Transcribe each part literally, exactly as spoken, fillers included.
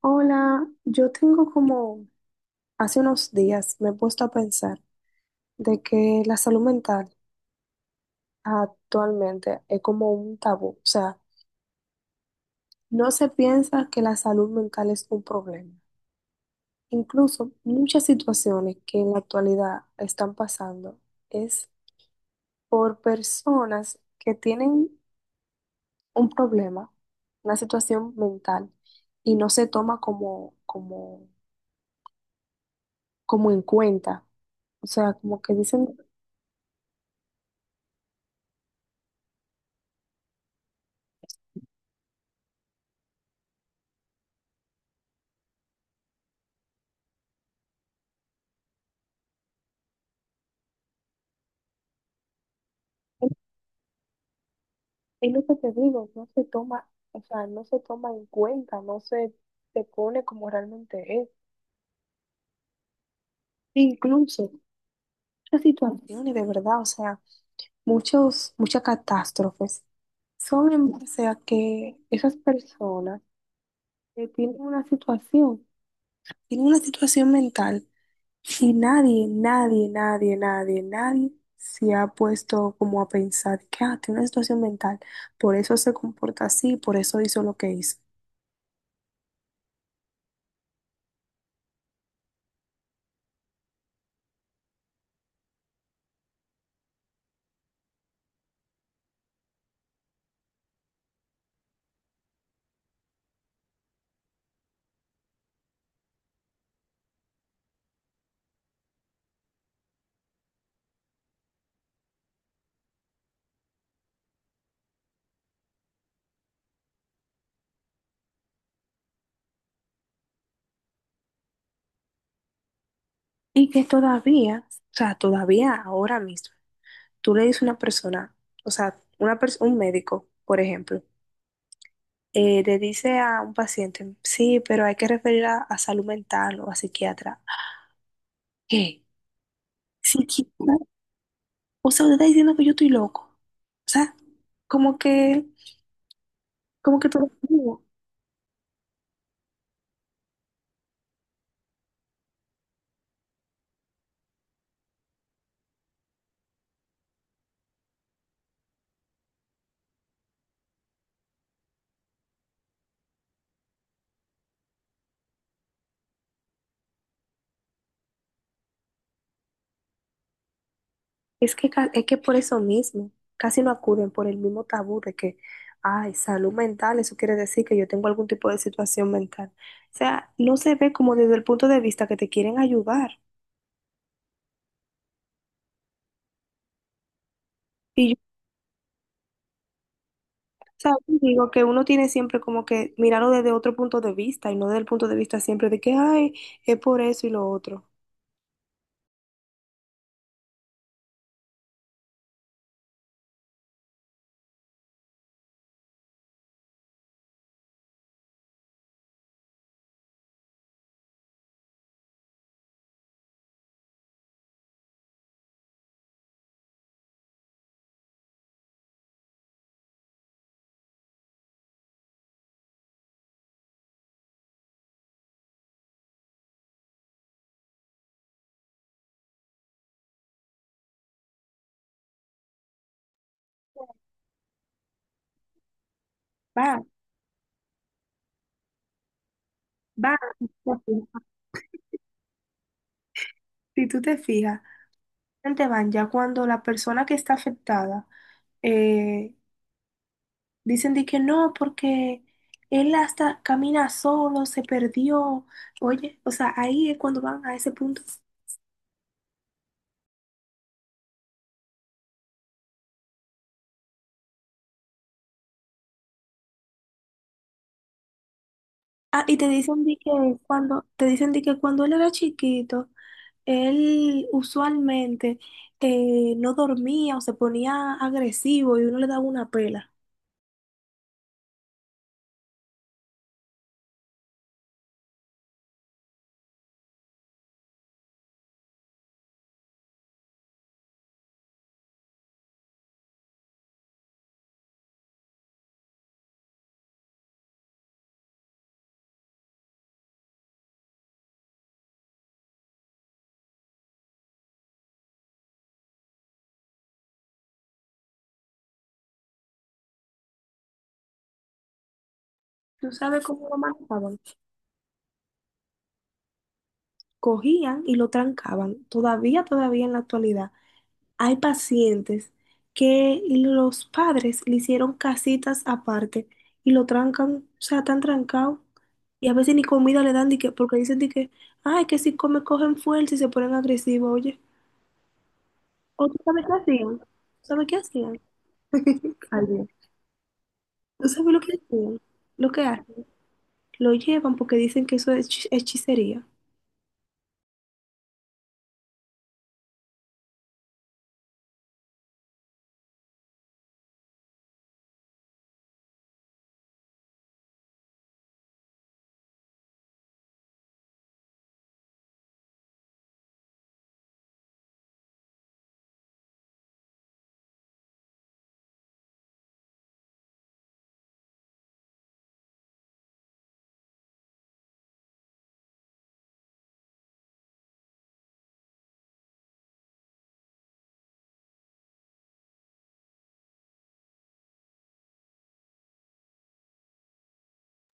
Hola, yo tengo como hace unos días me he puesto a pensar de que la salud mental actualmente es como un tabú, o sea, no se piensa que la salud mental es un problema. Incluso muchas situaciones que en la actualidad están pasando es por personas que tienen un problema, una situación mental y no se toma como como como en cuenta. O sea, como que dicen. Es lo que te digo, no se toma, o sea, no se toma en cuenta, no se, se pone como realmente es. Incluso muchas situaciones de verdad, o sea, muchos, muchas catástrofes son en base a que esas personas que tienen una situación, tienen una situación mental y nadie, nadie, nadie, nadie, nadie se ha puesto como a pensar que, ah, tiene una situación mental, por eso se comporta así, por eso hizo lo que hizo. Y que todavía, o sea, todavía ahora mismo, tú le dices a una persona, o sea, una pers- un médico, por ejemplo, eh, le dice a un paciente, sí, pero hay que referir a, a salud mental o a psiquiatra. ¿A ¿Qué? ¿Psiquiatra? O sea, usted está diciendo que yo estoy loco. O sea, como que, como que todo. Es que, ca- es que por eso mismo, casi no acuden por el mismo tabú de que, ay, salud mental, eso quiere decir que yo tengo algún tipo de situación mental. O sea, no se ve como desde el punto de vista que te quieren ayudar. Y yo, o sea, yo digo que uno tiene siempre como que mirarlo desde otro punto de vista y no desde el punto de vista siempre de que, ay, es por eso y lo otro. Va, va, si tú te fijas, te van ya cuando la persona que está afectada, eh, dicen de que no, porque él hasta camina solo, se perdió. Oye, o sea, ahí es cuando van a ese punto. Ah, y te dicen de que cuando, te dicen de que cuando él era chiquito, él usualmente eh, no dormía o se ponía agresivo y uno le daba una pela. ¿Tú sabes cómo lo manejaban? Cogían y lo trancaban, todavía, todavía en la actualidad. Hay pacientes que los padres le hicieron casitas aparte y lo trancan, o sea, tan trancado. Y a veces ni comida le dan, di que- porque dicen di que, ay, que si come cogen fuerza y se ponen agresivos, oye. ¿O tú sabes qué hacían? ¿Sabes qué hacían? Ay, Dios. ¿Tú sabes lo que hacían? Lo que hacen. Lo llevan porque dicen que eso es hechi- hechicería.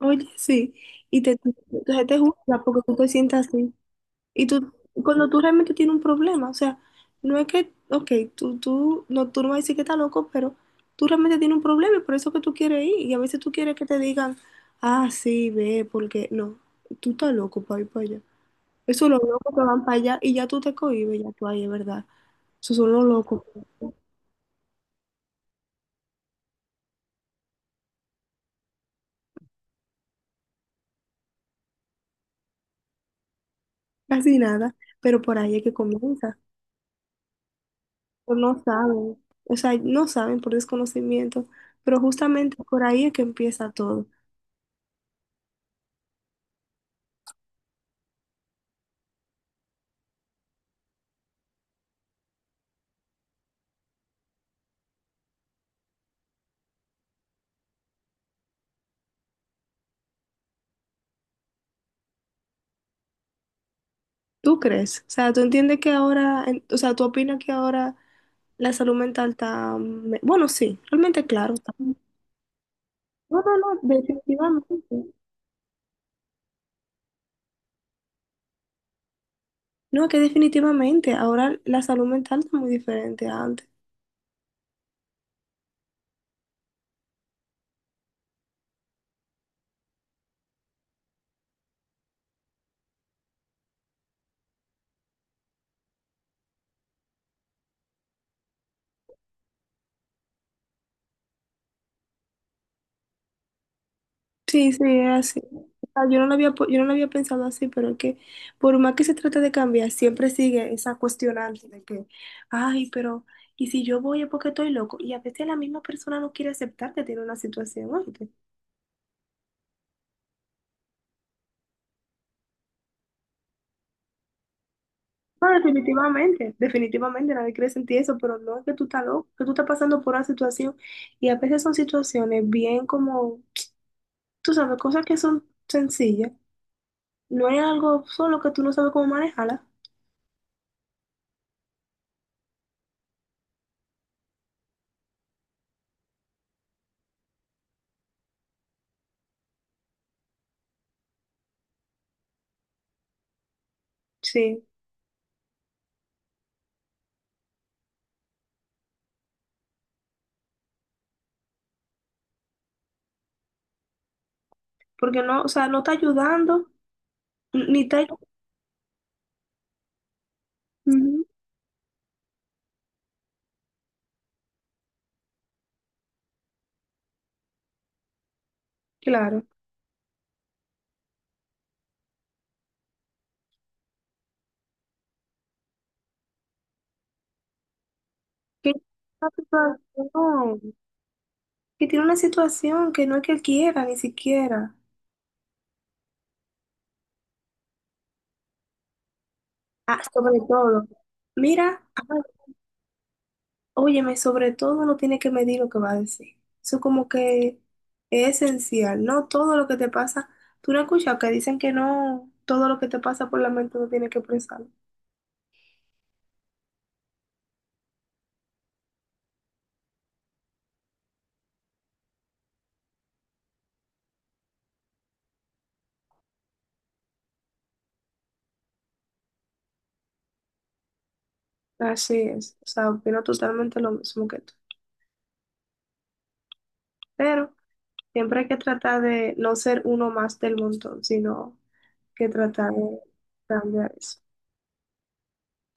Oye, sí. Y te, entonces te juzga porque tú te sientas así. Y tú, cuando tú realmente tienes un problema, o sea, no es que, ok, tú, tú, no, tú no vas a decir que estás loco, pero tú realmente tienes un problema y por eso que tú quieres ir. Y a veces tú quieres que te digan, ah, sí, ve, porque no, tú estás loco para ir para allá. Eso los locos que van para allá y ya tú te cohibes, ya tú ahí, es verdad. Eso son los locos, casi nada, pero por ahí es que comienza. Pero no saben, o sea, no saben por desconocimiento, pero justamente por ahí es que empieza todo. ¿Tú crees? O sea, ¿tú entiendes que ahora, en- o sea, tú opinas que ahora la salud mental está, me- bueno, sí, realmente claro, está. No, no, no, definitivamente. No, que definitivamente ahora la salud mental está muy diferente a antes. Sí, sí, es así. O sea, yo no lo había, po- yo no lo había pensado así, pero es que por más que se trate de cambiar, siempre sigue esa cuestionante de que, ay, pero, ¿y si yo voy es porque estoy loco? Y a veces la misma persona no quiere aceptar que tiene una situación, ¿no? No, definitivamente, definitivamente nadie quiere sentir eso, pero no es que tú estás loco, que tú estás pasando por una situación y a veces son situaciones bien como, tú sabes, cosas que son sencillas, no es algo solo que tú no sabes cómo manejarla, sí, porque no, o sea, no está ayudando, ni está, ujú, claro, que, tiene una situación, que tiene una situación que no es que él quiera ni siquiera. Ah, sobre todo, mira, óyeme, sobre todo no tiene que medir lo que va a decir. Eso como que es esencial, ¿no? Todo lo que te pasa, tú no escuchas que dicen que no, todo lo que te pasa por la mente no tiene que expresarlo. Así es, o sea, opino totalmente lo mismo que tú. Pero siempre hay que tratar de no ser uno más del montón, sino que tratar de cambiar eso.